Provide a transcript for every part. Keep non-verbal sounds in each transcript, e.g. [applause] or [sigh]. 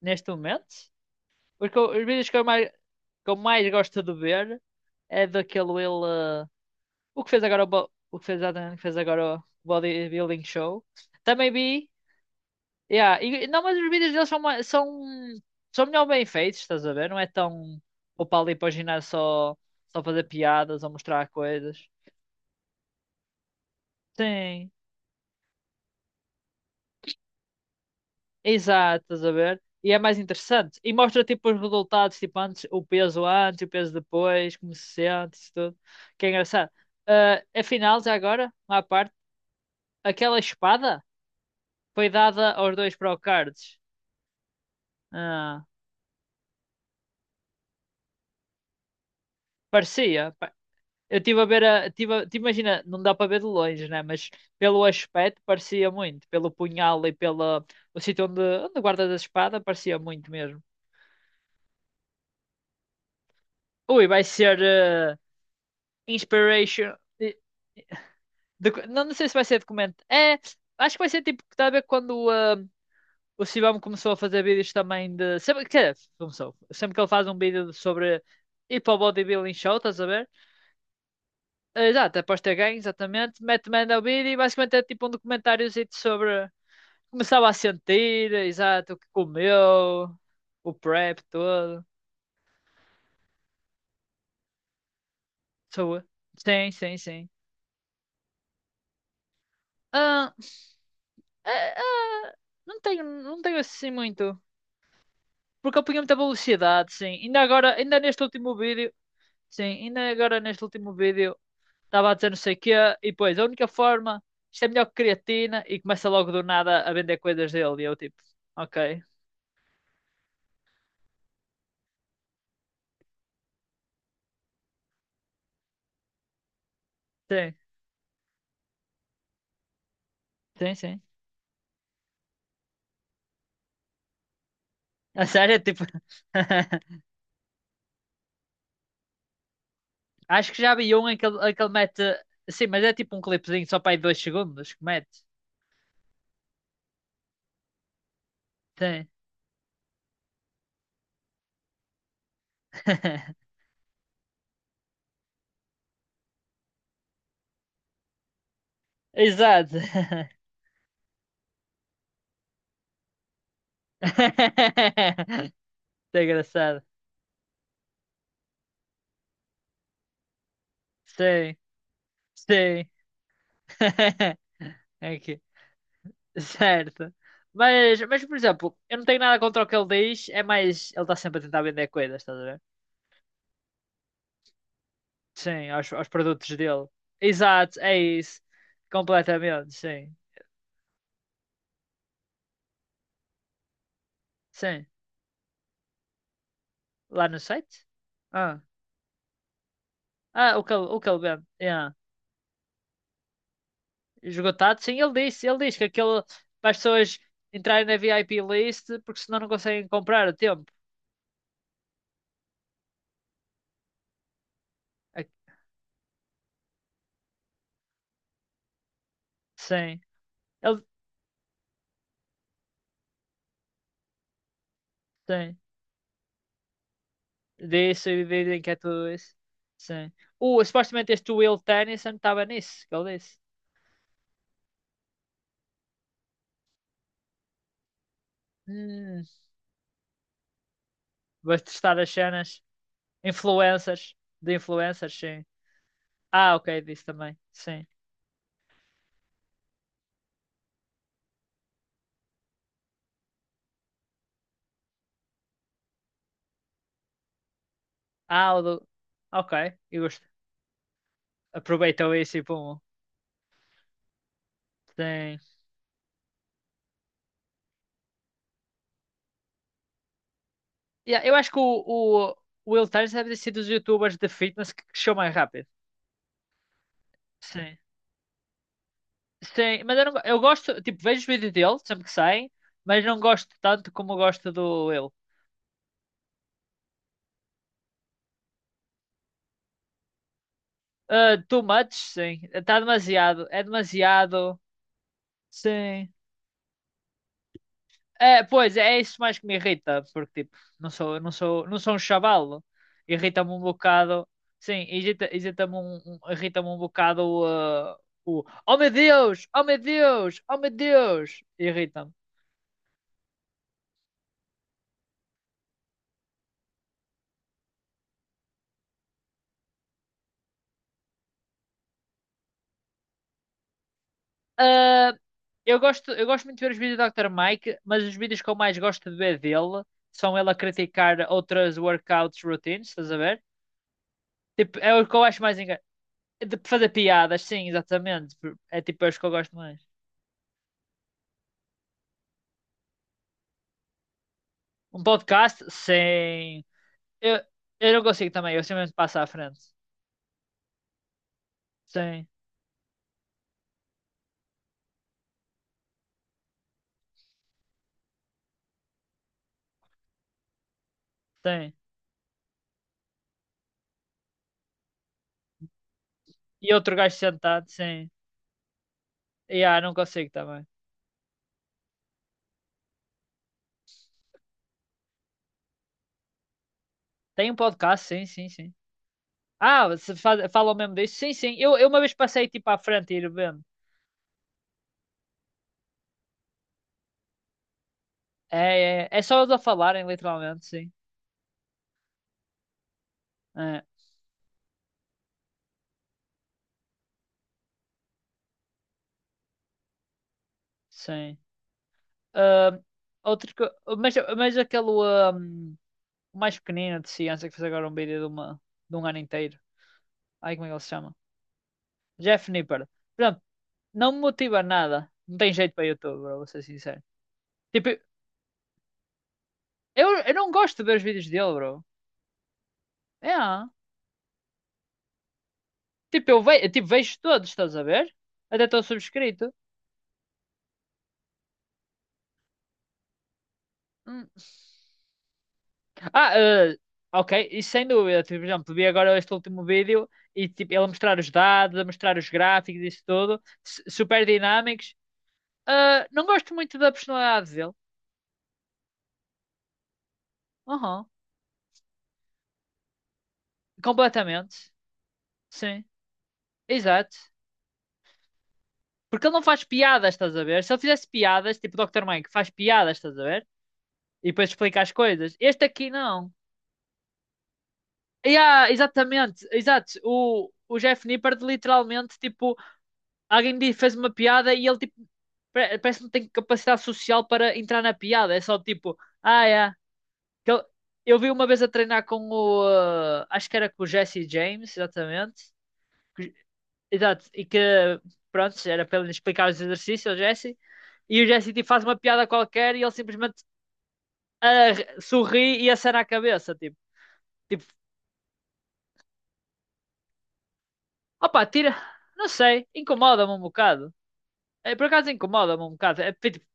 Neste momento. Os vídeos que eu mais gosto de ver é daquele ele. O que fez agora o bodybuilding show. Também vi. Yeah, não, mas os vídeos deles são melhor bem feitos, estás a ver? Não é tão. Vou para ali para o ginásio só fazer piadas ou mostrar coisas. Sim, exato, estás a ver? E é mais interessante. E mostra tipo os resultados, tipo antes, o peso depois, como se sente, isso tudo. Que é engraçado. Ah, afinal, já agora, à parte, aquela espada foi dada aos dois Procards. Ah, parecia. Eu estive a ver a. Te imagina, não dá para ver de longe, né? Mas pelo aspecto parecia muito. Pelo punhal e pelo o sítio onde guardas a espada, parecia muito mesmo. Ui, vai ser Inspiration. Não, não sei se vai ser documento. É, acho que vai ser tipo, está a ver quando o Sibam começou a fazer vídeos também de. Sempre, quer dizer, começou. Sempre que ele faz um vídeo sobre ir para o bodybuilding show, estás a ver? Ah, exato, após ter ganho, exatamente. Mete manda o vídeo e basicamente é tipo um documentáriozinho sobre. Começava a sentir, exato, o que comeu, o prep todo. Sou- Sim, sim, sim. Ah, ah, ah, não tenho assim muito. Porque eu punha muita velocidade, sim. Ainda agora, ainda neste último vídeo, sim, ainda agora neste último vídeo, estava a dizer não sei o quê, e depois, a única forma, isto é melhor que creatina, e começa logo do nada a vender coisas dele, e eu tipo, ok, sim, sim, sim. A sério, tipo, [laughs] acho que já vi um em que ele mete, sim, mas é tipo um clipezinho só para aí 2 segundos que mete, sim. [laughs] Exato. [laughs] Isso é engraçado, sim, sim. [laughs] é que. Certo. Mas, por exemplo, eu não tenho nada contra o que ele diz, é mais ele está sempre a tentar vender coisas, estás a ver? Sim, aos produtos dele. Exato, é isso. Completamente, sim. Sim. Lá no site? Ah, o que ele vende. Yeah. Esgotado, sim, ele disse, ele diz que aquele para as pessoas entrarem na VIP list porque senão não conseguem comprar a tempo. A- Sim. Ele, sim. De sobrevivência a tudo isso. Sim. Supostamente este Will Tennyson estava nisso, que ele disse. Hum, Vais testar as cenas. Influencers. De influencers, sim. Ah, ok, disse também. Sim. Ah, o do. Ok, eu gosto. Aproveitou isso e pum. Sim. Yeah, eu acho que o o Will Tennyson deve ter sido dos youtubers de fitness que cresceu mais rápido. Sim. Sim, mas eu, não, eu gosto, tipo, vejo os vídeos dele sempre que saem, mas não gosto tanto como gosto do Will. Ah, too much, sim. Está demasiado. É demasiado. Sim. É, pois, é isso mais que me irrita, porque tipo, não sou um chavalo. Irrita-me um bocado. Sim, irrita-me irrita-me um bocado o Oh meu Deus! Oh meu Deus! Oh meu Deus! Irrita-me. Ah, eu gosto muito de ver os vídeos do Dr. Mike, mas os vídeos que eu mais gosto de ver dele são ele a criticar outras workouts routines, estás a ver? Tipo, é o que eu acho mais engraçado. De fazer piadas, sim, exatamente. É tipo, eu acho que eu gosto mais. Um podcast, sim. Eu, eu não consigo também, eu simplesmente passo à frente. Sim, sim. E outro gajo sentado, sim. E não consigo também. Tem um podcast, sim, sim, sim. Ah, você faz, falam mesmo disso? Sim, sim. Eu uma vez passei tipo à frente e ir vendo. É só eles a falarem, literalmente, sim. É, sim. Ah, outro que. Mas, aquele o mais pequenino de ciência que fez agora um vídeo de, uma, de um ano inteiro. Ai, como é que ele se chama? Jeff Nippard. Pronto, não me motiva nada. Não tem jeito para YouTube, bro, vou ser sincero. Tipo, eu não gosto de ver os vídeos dele, bro. É. Tipo, eu vejo, tipo, vejo todos, estás a ver? Até estou subscrito. Hum. Ah, ok, e sem dúvida. Tipo, por exemplo, vi agora este último vídeo e tipo, ele a mostrar os dados, a mostrar os gráficos, isso tudo, super dinâmicos. Ah, não gosto muito da personalidade dele. Uhum. Completamente. Sim, exato. Porque ele não faz piadas, estás a ver? Se ele fizesse piadas, tipo o Dr. Mike, faz piadas, estás a ver? E depois explica as coisas. Este aqui não. E há, exatamente, exato. O Jeff Nippard literalmente, tipo, alguém lhe fez uma piada e ele, tipo, parece que não tem capacidade social para entrar na piada. É só tipo, é. Que ele- Eu vi uma vez a treinar com o. Acho que era com o Jesse James, exatamente. Exato, e que pronto, era para ele explicar os exercícios ao Jesse, e o Jesse tipo, faz uma piada qualquer e ele simplesmente sorri e acena a cabeça, tipo, opa, tira, não sei, incomoda-me um bocado. É, por acaso incomoda-me um bocado. É, tipo,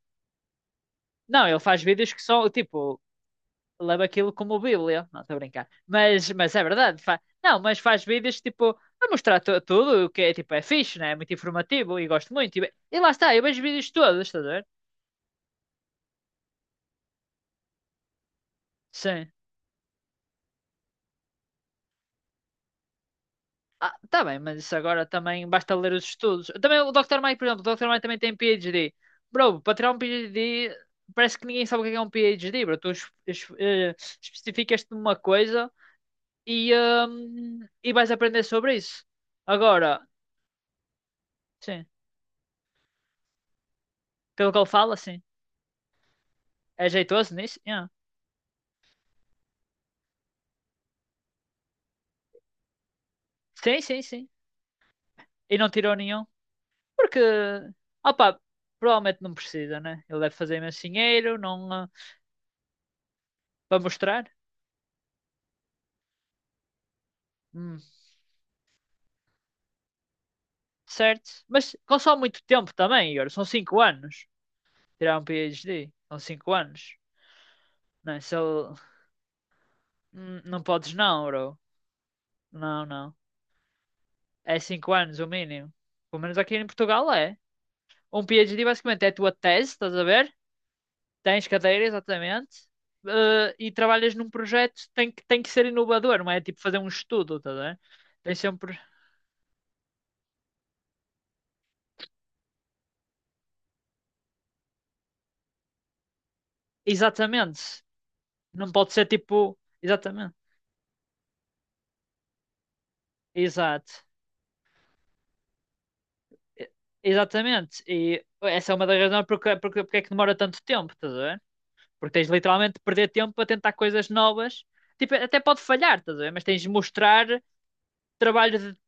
não, ele faz vídeos que são, tipo, leva aquilo como Bíblia, não estou a brincar, mas, é verdade, não, mas faz vídeos tipo. A mostrar tudo o que é tipo é fixe, né? É muito informativo e gosto muito. E lá está, eu vejo vídeos todos, estás a ver? Sim. Ah, tá bem, mas isso agora também basta ler os estudos. Também o doutor Mike, por exemplo, o doutor Mike também tem PhD. Bro, para tirar um PhD, parece que ninguém sabe o que é um PhD, bro. Tu especificas-te numa coisa e, e vais aprender sobre isso. Agora, sim, pelo que ele fala, sim. É jeitoso nisso? Yeah. Sim, sim, sim. E não tirou nenhum. Porque, opá, provavelmente não precisa, né? Ele deve fazer imenso dinheiro, não, para mostrar. Hum. Certo? Mas consome muito tempo também, Igor. São 5 anos. Tirar um PhD. São 5 anos. Não, é? Se ele- Não podes não, bro. Não, não. É 5 anos o mínimo. Pelo menos aqui em Portugal é. Um PhD basicamente é a tua tese, estás a ver? Tens cadeira, exatamente. E trabalhas num projeto, tem que ser inovador, não é tipo fazer um estudo, estás a ver? Tem sempre. Exatamente. Não pode ser tipo. Exatamente. Exato. E- Exatamente. E essa é uma das razões porque, é que demora tanto tempo, estás a ver? Porque tens literalmente de perder tempo a tentar coisas novas. Tipo, até pode falhar, estás a ver? Mas tens de mostrar trabalho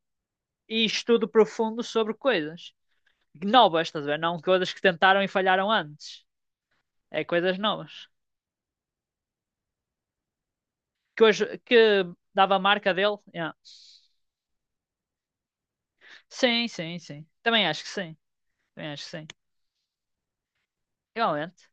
e estudo profundo sobre coisas novas, estás a ver? Não coisas que tentaram e falharam antes. É coisas novas. Que hoje que dava a marca dele. Yeah. Sim, sim, sim. Também acho que sim. Também acho que sim. Igualmente.